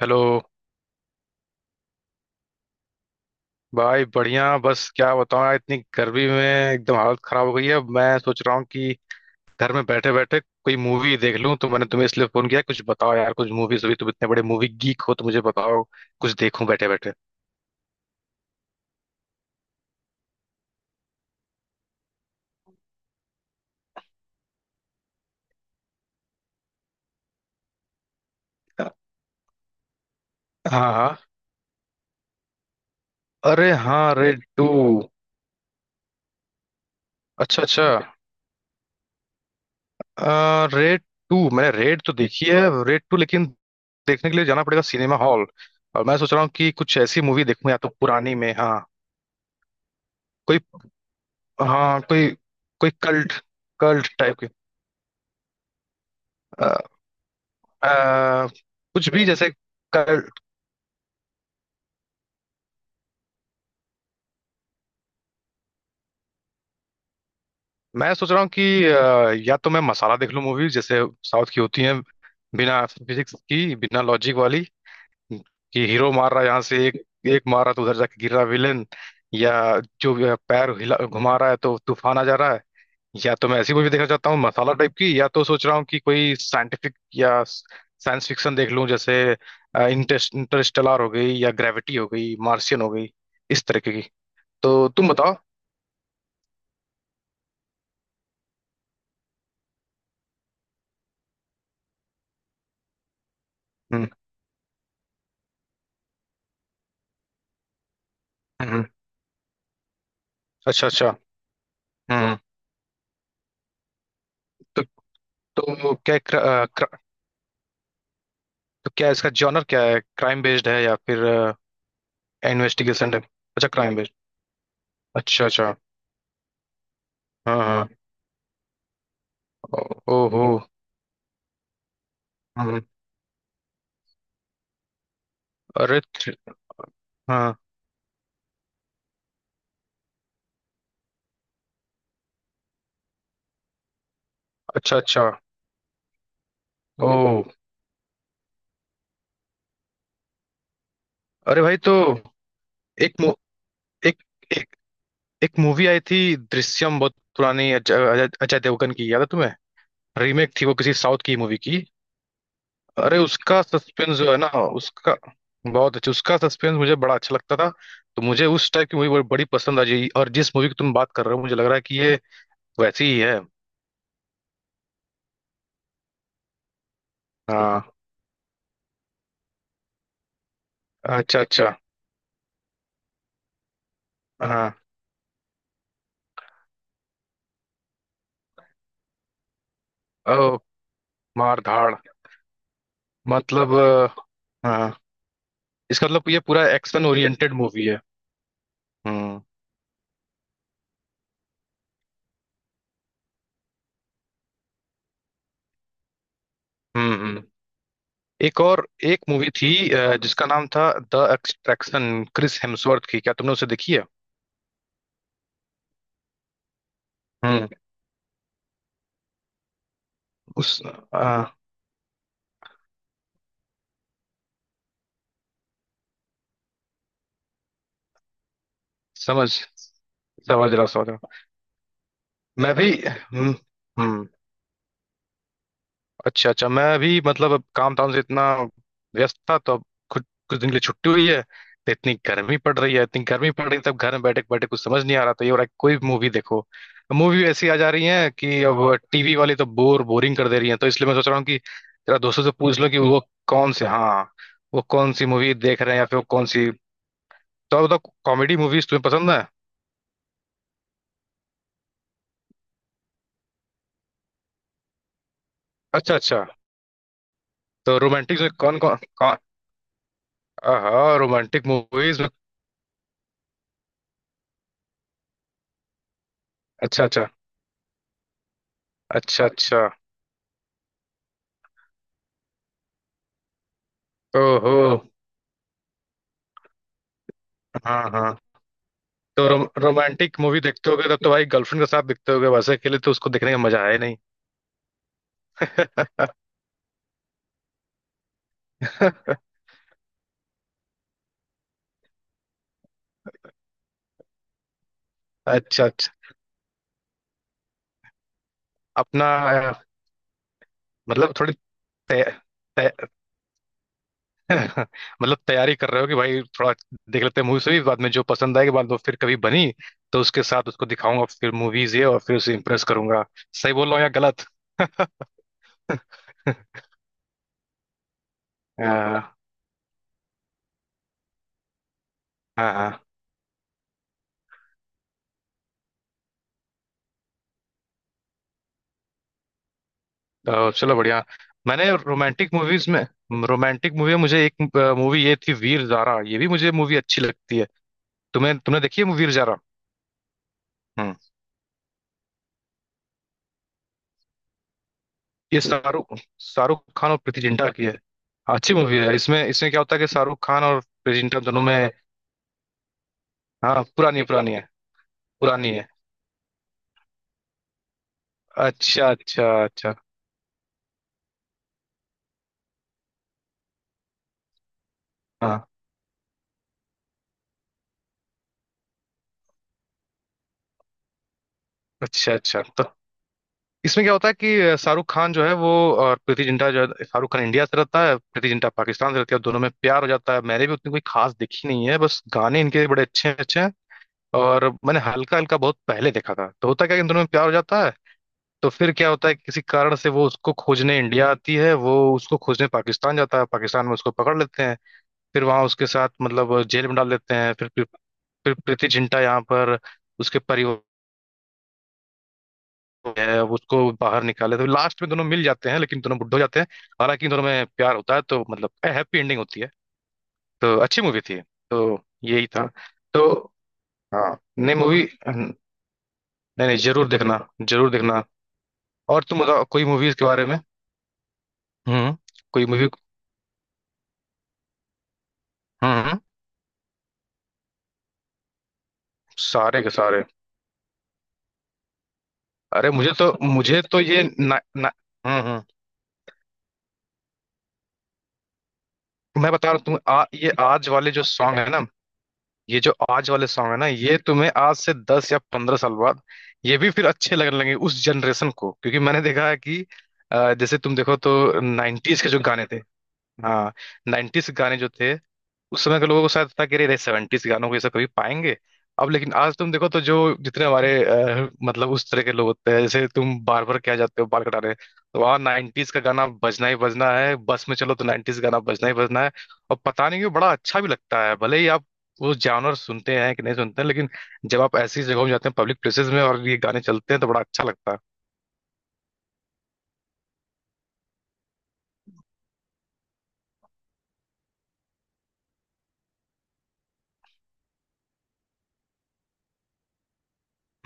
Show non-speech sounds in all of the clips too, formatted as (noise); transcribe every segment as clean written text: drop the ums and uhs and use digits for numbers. Hello. भाई बढ़िया। बस क्या बताऊं यार, इतनी गर्मी में एकदम हालत खराब हो गई है। मैं सोच रहा हूँ कि घर में बैठे बैठे कोई मूवी देख लूं, तो मैंने तुम्हें इसलिए फोन किया। कुछ बताओ यार कुछ मूवीज, अभी तुम इतने बड़े मूवी गीक हो तो मुझे बताओ कुछ देखूं बैठे बैठे। हाँ हाँ। अरे हाँ, रेड टू। अच्छा अच्छा। रेड टू मैंने रेड तो देखी है, रेड टू लेकिन देखने के लिए जाना पड़ेगा सिनेमा हॉल। और मैं सोच रहा हूँ कि कुछ ऐसी मूवी देखूं या तो पुरानी में। हाँ कोई, हाँ कोई, कोई कल्ट, कल्ट टाइप के। अ, अ, कुछ भी जैसे कल्ट। मैं सोच रहा हूँ कि या तो मैं मसाला देख लूँ मूवी जैसे साउथ की होती है, बिना फिजिक्स की बिना लॉजिक वाली। कि हीरो मार रहा है यहाँ से एक, एक मार रहा तो उधर जाके गिर रहा विलेन, या जो भी है, पैर हिला घुमा रहा है तो तूफान आ जा रहा है। या तो मैं ऐसी मूवी देखना चाहता हूँ मसाला टाइप की, या तो सोच रहा हूँ कि कोई साइंटिफिक या साइंस फिक्शन देख लूँ, जैसे इंटरेस्ट इंटरस्टेलर हो गई, या ग्रेविटी हो गई, मार्शियन हो गई, इस तरीके की। तो तुम बताओ। हम्म, हम्म, अच्छा अच्छा। हम्म। तो तो क्या क्र, अ, क्र, तो क्या इसका जॉनर क्या है, क्राइम बेस्ड है या फिर इन्वेस्टिगेशन है? अच्छा क्राइम बेस्ड, अच्छा अच्छा। हाँ हाँ। ओ- ओहो। हम्म, अरे थ- हाँ। अच्छा अच्छा। ओ। अरे भाई, तो एक मु- एक एक एक मूवी आई थी दृश्यम, बहुत पुरानी, अजय अजय अजय देवगन की, याद है तुम्हें? रीमेक थी वो किसी साउथ की मूवी की। अरे उसका सस्पेंस जो है ना, उसका बहुत अच्छा, उसका सस्पेंस मुझे बड़ा अच्छा लगता था। तो मुझे उस टाइप की मूवी बड़ी बड़ी पसंद आ जाएगी। और जिस मूवी की तुम बात कर रहे हो मुझे लग रहा है कि ये वैसी ही है। हाँ, अच्छा अच्छा। हाँ। ओ। मार धाड़। मतलब हाँ। इसका मतलब ये पूरा एक्शन ओरिएंटेड मूवी है। हम्म हम्म हम्म। एक, और एक मूवी थी जिसका नाम था द एक्सट्रैक्शन, क्रिस हेम्सवर्थ की। क्या तुमने उसे देखी है? हम्म। उस अ, समझ, समझ रहा, समझ रहा। मैं भी, हम्म, अच्छा अच्छा। मैं भी मतलब अब काम धाम से इतना व्यस्त था, तो अब कुछ, कुछ दिन के लिए छुट्टी हुई है। तो इतनी गर्मी पड़ रही है, इतनी गर्मी पड़ रही है, तब घर में बैठे बैठे कुछ समझ नहीं आ रहा था। ये हो रहा है कि कोई भी मूवी देखो, मूवी ऐसी आ जा रही है कि अब टीवी वाली तो बोर बोरिंग कर दे रही है। तो इसलिए मैं सोच रहा हूँ कि जरा दोस्तों से पूछ लो कि वो कौन से, हाँ, वो कौन सी मूवी देख रहे हैं या फिर वो कौन सी। तो आप बताओ, कॉमेडी मूवीज तुम्हें पसंद है? अच्छा अच्छा। तो रोमांटिक में कौन कौन कौन, हाँ रोमांटिक मूवीज में। अच्छा अच्छा, अच्छा अच्छा, ओहो, हाँ हाँ। तो रोमांटिक मूवी देखते होगे तब तो भाई गर्लफ्रेंड के साथ देखते होगे, वैसे अकेले तो उसको देखने का मजा आया नहीं। (laughs) अच्छा अच्छा। अपना अ, मतलब थोड़ी तै, तै, (laughs) मतलब तैयारी कर रहे हो कि भाई थोड़ा देख लेते हैं मूवी से भी, बाद में जो पसंद आएगी, बाद में फिर कभी बनी तो उसके साथ उसको दिखाऊंगा फिर मूवीज ये, और फिर उसे इम्प्रेस करूंगा। सही बोल रहा हूँ या गलत? (laughs) हाँ हाँ। तो चलो बढ़िया। मैंने रोमांटिक मूवीज में, रोमांटिक मूवी में मुझे एक मूवी ये थी वीर जारा, ये भी मुझे मूवी अच्छी लगती है। तुमने तुमने देखी है मूवी वीर? हम्म। ये शाहरुख शाहरुख खान और प्रीति जिंटा की है। अच्छी मूवी है। इसमें इसमें क्या होता है कि शाहरुख खान और प्रीति जिंटा दोनों में, हाँ पुरानी पुरानी है, पुरानी है। अच्छा अच्छा अच्छा। हाँ, अच्छा अच्छा। तो इसमें क्या होता है कि शाहरुख खान जो है वो, और प्रीति जिंटा जो है, शाहरुख खान इंडिया से रहता है, प्रीति जिंटा पाकिस्तान से रहती है, और दोनों में प्यार हो जाता है। मैंने भी उतनी कोई खास देखी नहीं है, बस गाने इनके बड़े अच्छे अच्छे हैं। और मैंने हल्का हल्का बहुत पहले देखा था, तो होता क्या है कि इन दोनों में प्यार हो जाता है। तो फिर क्या होता है कि किसी कारण से वो उसको खोजने इंडिया आती है, वो उसको खोजने पाकिस्तान जाता है, पाकिस्तान में उसको पकड़ लेते हैं। फिर वहां उसके साथ मतलब जेल में डाल देते हैं। फिर फिर प्रीति जिंटा यहाँ पर उसके परिवार है, वो उसको बाहर निकाले, तो लास्ट में दोनों मिल जाते हैं लेकिन दोनों बुड्ढे हो जाते हैं। हालांकि इन दोनों में प्यार होता है, तो मतलब हैप्पी एंडिंग होती है। तो अच्छी मूवी थी, तो यही था। तो हाँ, नई मूवी नहीं, नहीं, जरूर देखना, जरूर देखना। और तुम बताओ कोई मूवीज के बारे में। हम्म। कोई मूवी। हम्म, सारे के सारे। अरे मुझे तो ये ना, ना, हम्म। मैं बता रहा हूँ तुम्हें। आ, ये आज वाले जो सॉन्ग है ना ये जो आज वाले सॉन्ग है ना, ये तुम्हें आज से 10 या 15 साल बाद ये भी फिर अच्छे लगने लगेंगे उस जनरेशन को, क्योंकि मैंने देखा है कि जैसे तुम देखो तो नाइन्टीज के जो गाने थे, हाँ, नाइन्टीज गाने जो थे, उस समय के लोगों को शायद था कि अरे सेवेंटीज गानों को ये सब कभी पाएंगे। अब लेकिन आज तुम देखो तो जो जितने हमारे, मतलब उस तरह के लोग होते हैं, जैसे तुम बार बार क्या जाते हो बाल कटाने, तो वहाँ नाइन्टीज का गाना बजना ही बजना है। बस में चलो तो नाइन्टीज गाना बजना ही बजना है। और पता नहीं क्यों बड़ा अच्छा भी लगता है। भले ही आप वो जानवर सुनते हैं कि नहीं सुनते हैं, लेकिन जब आप ऐसी जगहों में जाते हैं, पब्लिक प्लेसेस में, और ये गाने चलते हैं, तो बड़ा अच्छा लगता है।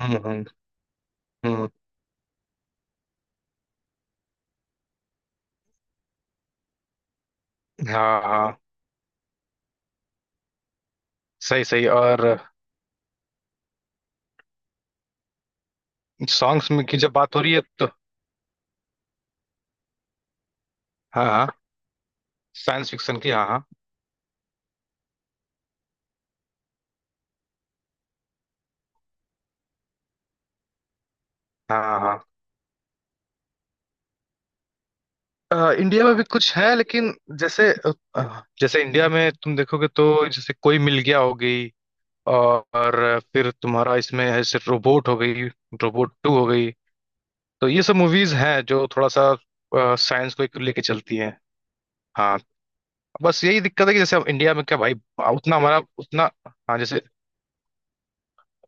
हम्म हम्म हम्म। हाँ हाँ, सही सही। और सॉन्ग्स में की जब बात हो रही है तो। हाँ हाँ, साइंस फिक्शन की, हाँ हाँ। हाँ हाँ। इंडिया में भी कुछ है लेकिन जैसे, अ, जैसे इंडिया में तुम देखोगे तो जैसे कोई मिल गया हो गई, और फिर तुम्हारा इसमें है सिर्फ रोबोट हो गई, रोबोट टू हो गई। तो ये सब मूवीज हैं जो थोड़ा सा साइंस को एक लेके चलती हैं। हाँ। बस यही दिक्कत है कि जैसे अब इंडिया में क्या भाई उतना हमारा उतना, हाँ जैसे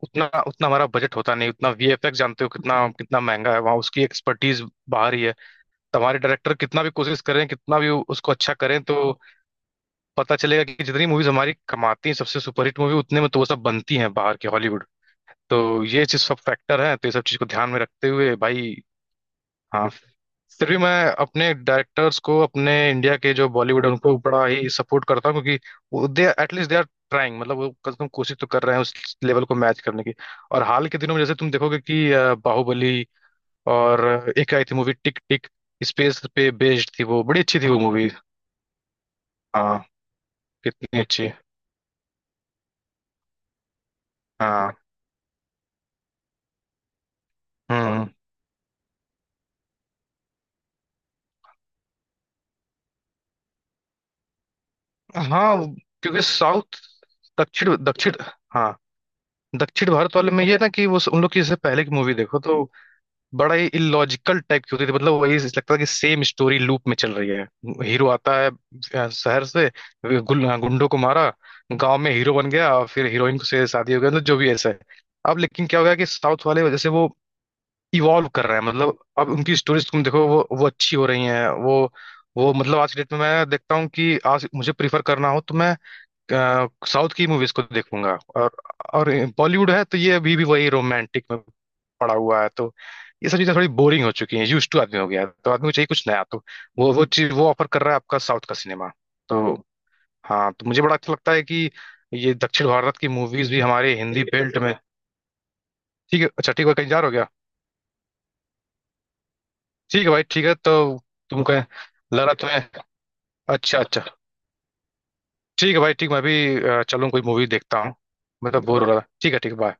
उतना उतना हमारा बजट होता नहीं, उतना वीएफएक्स जानते हो कितना कितना महंगा है, वहाँ उसकी एक्सपर्टीज बाहर ही है। तो हमारे डायरेक्टर कितना भी कोशिश करें, कितना भी उसको अच्छा करें, तो पता चलेगा कि जितनी मूवीज हमारी कमाती हैं सबसे सुपरहिट मूवी, उतने में तो वो सब बनती हैं बाहर के हॉलीवुड। तो ये चीज सब फैक्टर है, तो ये सब चीज को ध्यान में रखते हुए भाई, हाँ, फिर भी मैं अपने डायरेक्टर्स को, अपने इंडिया के जो बॉलीवुड है उनको बड़ा ही सपोर्ट करता हूँ, क्योंकि they at least they are trying, मतलब वो कम से कम कोशिश तो कर रहे हैं उस लेवल को मैच करने की। और हाल के दिनों में जैसे तुम देखोगे कि बाहुबली, और एक आई थी मूवी टिक टिक, स्पेस पे बेस्ड थी, वो बड़ी अच्छी थी वो मूवी। हाँ कितनी अच्छी। हाँ। हम्म। हाँ क्योंकि साउथ, दक्षिण दक्षिण, हाँ दक्षिण भारत वाले में ये ना कि वो उन लोग की जैसे पहले की मूवी देखो तो बड़ा ही इलॉजिकल टाइप की होती थी, मतलब वही लगता था कि सेम स्टोरी लूप में चल रही है। हीरो आता है शहर से, हाँ, गुंडों को मारा, गांव में हीरो बन गया और फिर हीरोइन को से शादी हो गया, मतलब जो भी ऐसा है। अब लेकिन क्या हो गया कि साउथ वाले वजह से वो इवॉल्व कर रहे हैं, मतलब अब उनकी स्टोरीज तुम देखो वो अच्छी हो रही हैं। वो मतलब आज की डेट में मैं देखता हूँ कि आज मुझे प्रीफर करना हो तो मैं साउथ की मूवीज को देखूंगा। और बॉलीवुड है तो ये अभी भी वही रोमांटिक में पड़ा हुआ है, तो ये सब चीजें थोड़ी बोरिंग हो चुकी हैं, यूज टू आदमी हो गया है। तो आदमी को चाहिए कुछ नया, तो वो चीज वो ऑफर कर रहा है आपका साउथ का सिनेमा। तो हाँ, तो मुझे बड़ा अच्छा लगता है कि ये दक्षिण भारत की मूवीज भी हमारे हिंदी बेल्ट में। ठीक है, अच्छा ठीक है, कहीं जा रहे हो गया? ठीक है भाई, ठीक है तो तुम कहें, लग रहा है तुम्हें। अच्छा अच्छा। ठीक है भाई, ठीक, मैं भी चलूं, कोई मूवी देखता हूँ। मैं तो बोर हो रहा था, ठीक है, ठीक है, bye।